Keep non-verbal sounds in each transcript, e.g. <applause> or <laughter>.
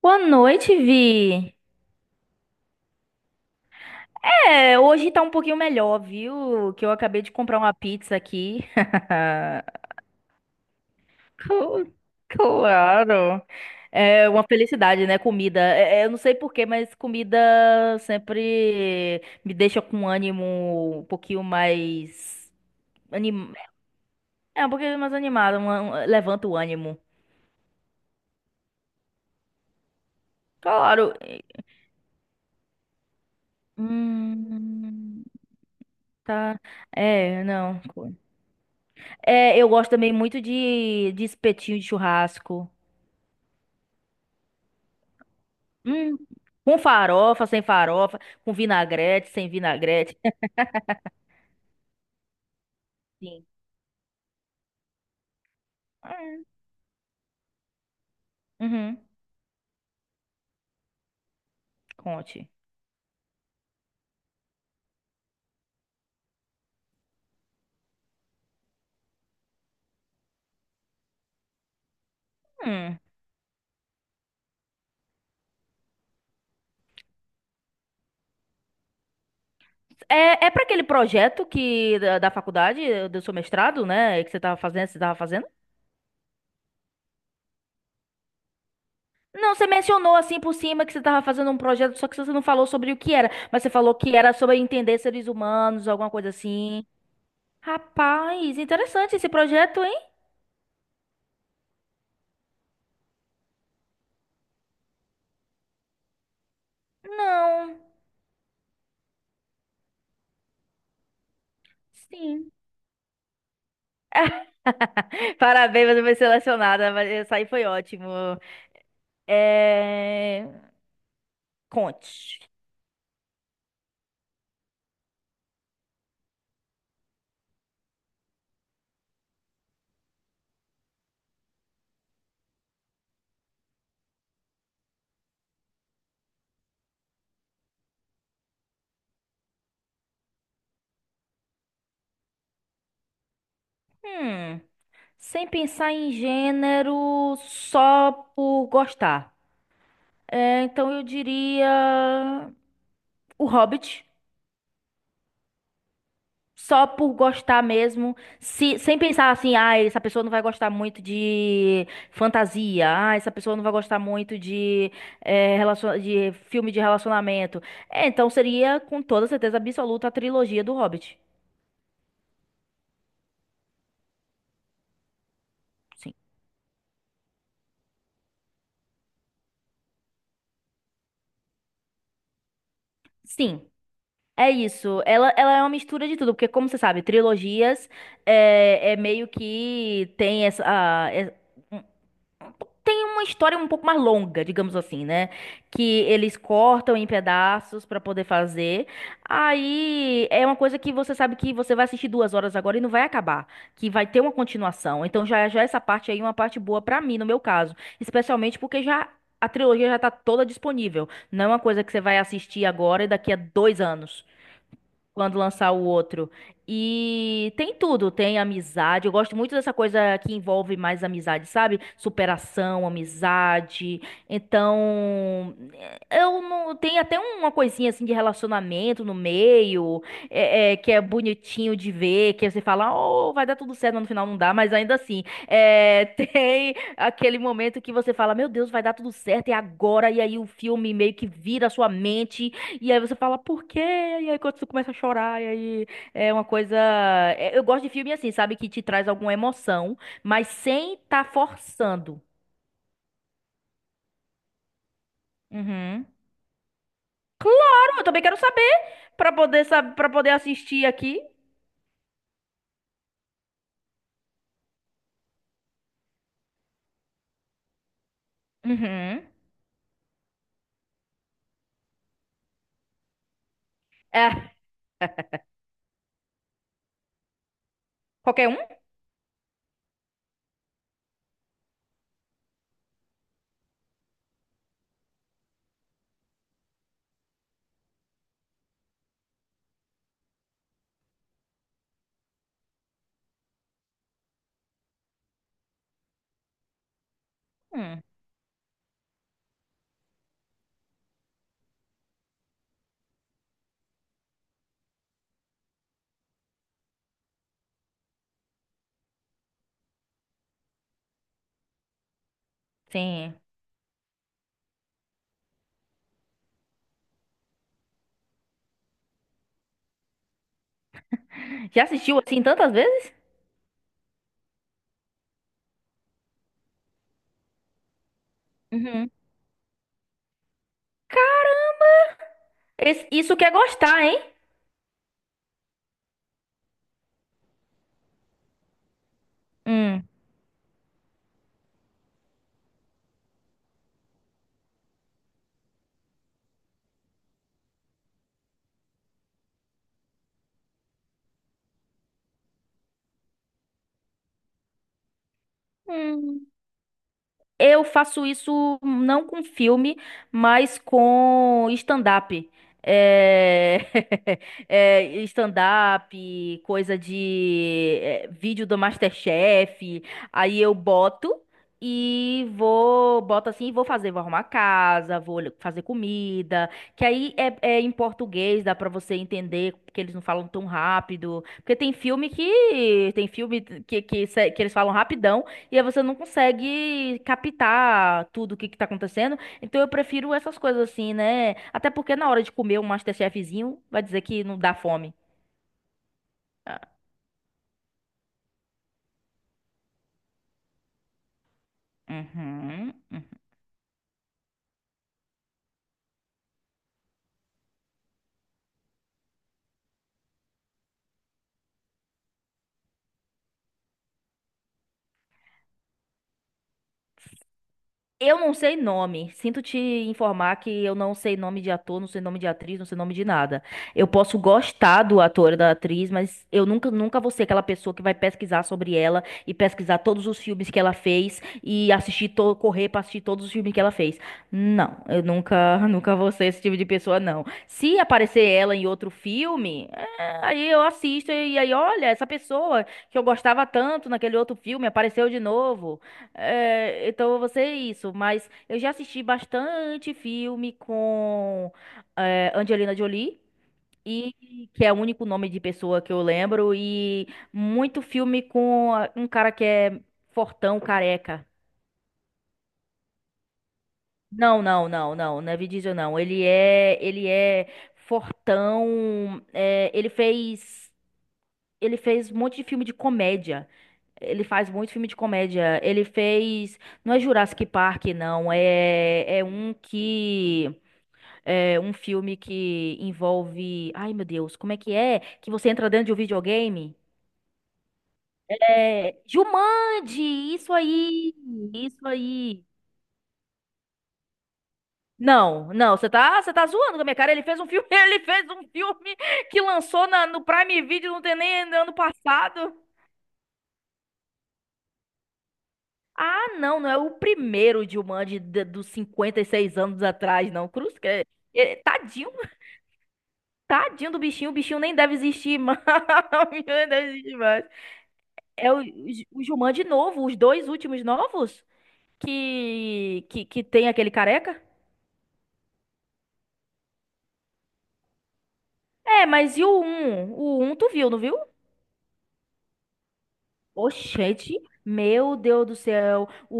Boa noite, Vi. É, hoje tá um pouquinho melhor, viu? Que eu acabei de comprar uma pizza aqui. <laughs> Cl- Claro. É uma felicidade, né? Comida. Eu não sei por quê, mas comida sempre me deixa com um ânimo um pouquinho mais anim... É um pouquinho mais animado, levanta o ânimo. Claro. Hum, tá. É, não. É, eu gosto também muito de espetinho de churrasco. Hum, com farofa, sem farofa, com vinagrete, sem vinagrete. Sim. Hum, uhum. Conte. Hum. É para aquele projeto da faculdade, do seu mestrado, né? Que você tava fazendo, você tava fazendo? Não, você mencionou assim por cima que você tava fazendo um projeto, só que você não falou sobre o que era, mas você falou que era sobre entender seres humanos, alguma coisa assim. Rapaz, interessante esse projeto, hein? Não. Sim. <laughs> Parabéns, você foi selecionada, mas essa aí foi ótimo. É... Conte. Hum. Sem pensar em gênero, só por gostar. É, então eu diria O Hobbit. Só por gostar mesmo, sem pensar assim, ah, essa pessoa não vai gostar muito de fantasia, ah, essa pessoa não vai gostar muito de filme de relacionamento. É, então seria com toda certeza absoluta a trilogia do Hobbit. Sim. Sim. É isso, ela é uma mistura de tudo, porque como você sabe, trilogias meio que tem uma história um pouco mais longa, digamos assim, né? Que eles cortam em pedaços pra poder fazer. Aí é uma coisa que você sabe que você vai assistir 2 horas agora e não vai acabar, que vai ter uma continuação. Então já já essa parte aí é uma parte boa pra mim, no meu caso, especialmente porque já a trilogia já tá toda disponível. Não é uma coisa que você vai assistir agora e daqui a 2 anos quando lançar o outro. E tem tudo, tem amizade. Eu gosto muito dessa coisa que envolve mais amizade, sabe? Superação, amizade. Então, eu não tem até uma coisinha assim de relacionamento no meio, que é bonitinho de ver, que você fala, oh, vai dar tudo certo, mas no final não dá, mas ainda assim, <laughs> tem aquele momento que você fala, meu Deus, vai dar tudo certo, e agora, e aí o filme meio que vira a sua mente e aí você fala, por quê? E aí quando você começa a chorar, e aí é uma coisa. Eu gosto de filme assim, sabe? Que te traz alguma emoção, mas sem tá forçando. Uhum. Claro, eu também quero saber pra poder saber, para poder assistir aqui. Uhum. É, qualquer um? Hum, sim. Já assistiu assim tantas vezes? Uhum. Isso quer gostar, hein? Hum. Hum. Eu faço isso não com filme, mas com stand-up. É... <laughs> stand-up, coisa de vídeo do MasterChef. Aí eu boto e vou, boto assim, e vou fazer, vou arrumar casa, vou fazer comida. Que aí em português, dá pra você entender, porque eles não falam tão rápido. Porque tem filme que eles falam rapidão. E aí você não consegue captar tudo o que que tá acontecendo. Então eu prefiro essas coisas assim, né? Até porque na hora de comer um MasterChefzinho, vai dizer que não dá fome. Ah, uhum. Eu não sei nome. Sinto te informar que eu não sei nome de ator, não sei nome de atriz, não sei nome de nada. Eu posso gostar do ator e da atriz, mas eu nunca, nunca vou ser aquela pessoa que vai pesquisar sobre ela e pesquisar todos os filmes que ela fez e assistir, correr pra assistir todos os filmes que ela fez. Não, eu nunca, <laughs> nunca vou ser esse tipo de pessoa, não. Se aparecer ela em outro filme, aí eu assisto e aí, olha, essa pessoa que eu gostava tanto naquele outro filme apareceu de novo. É, então eu vou ser isso, mas eu já assisti bastante filme com Angelina Jolie, e que é o único nome de pessoa que eu lembro, e muito filme com um cara que é fortão, careca. Não, não, não, não, não é Vin Diesel, não. Ele é fortão, ele fez um monte de filme de comédia. Ele faz muito filme de comédia. Ele fez. Não é Jurassic Park, não. É um que. É um filme que envolve. Ai, meu Deus, como é? Que você entra dentro de um videogame? É. Jumanji! Isso aí! Isso aí! Não, não, você tá zoando com a minha cara. Ele fez um filme, <laughs> ele fez um filme que lançou no Prime Video, não tem nem ano passado. Ah, não, não é o primeiro Jumanji dos 56 anos atrás, não. Cruz, que tadinho, tadinho do bichinho, o bichinho nem deve existir mais. <laughs> O bichinho nem deve existir mais. É o Jumanji novo, os dois últimos novos que tem aquele careca? É, mas e o um tu viu, não viu? Oxente, meu Deus do céu, o,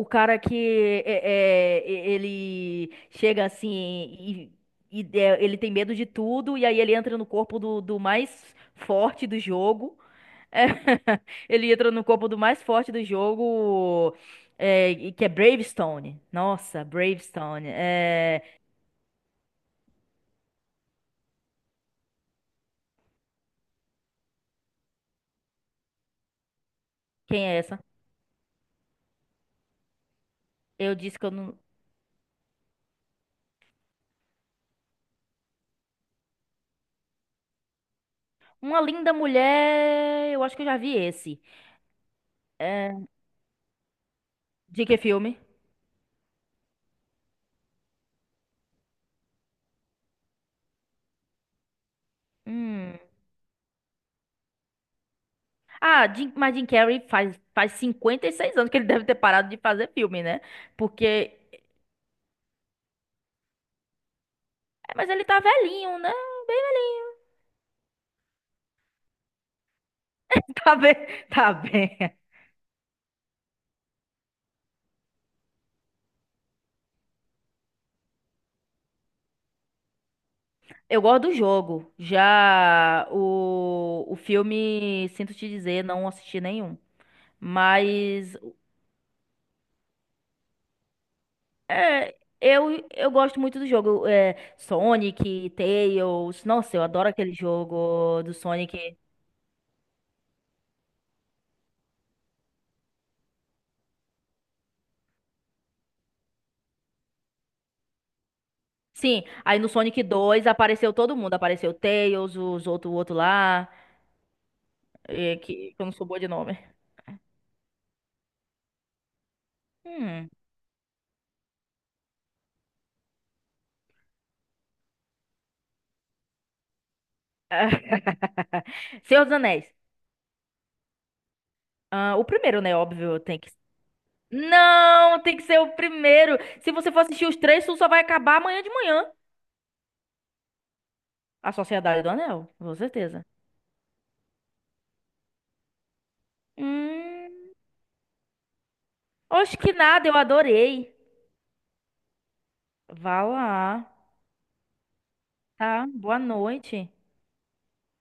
o, o cara que ele chega assim ele tem medo de tudo, e aí ele entra no corpo do mais forte do jogo. É, <laughs> ele entra no corpo do mais forte do jogo, e que é Bravestone. Nossa, Bravestone. Quem é essa? Eu disse que eu não. Uma linda mulher, eu acho que eu já vi esse. É, de que filme? Hum. Ah, mas Jim Carrey faz 56 anos que ele <laughs> deve ter parado de fazer filme, né? Porque. Mas ele tá velhinho, né? Bem velhinho. <laughs> Tá bem, tá bem. Eu gosto do jogo. Já o filme, sinto te dizer, não assisti nenhum. Mas é, eu gosto muito do jogo. Sonic, Tails. Nossa, eu adoro aquele jogo do Sonic. Sim, aí no Sonic 2 apareceu todo mundo. Apareceu o Tails, os outro, o outro lá. Que eu não sou boa de nome. Hum. Senhor dos Anéis. Ah, o primeiro, né? Óbvio, tem que. Não, tem que ser o primeiro. Se você for assistir os três, tu só vai acabar amanhã de manhã. A Sociedade do Anel, com certeza. Hum. Oxe, que nada, eu adorei. Vá lá. Tá? Boa noite.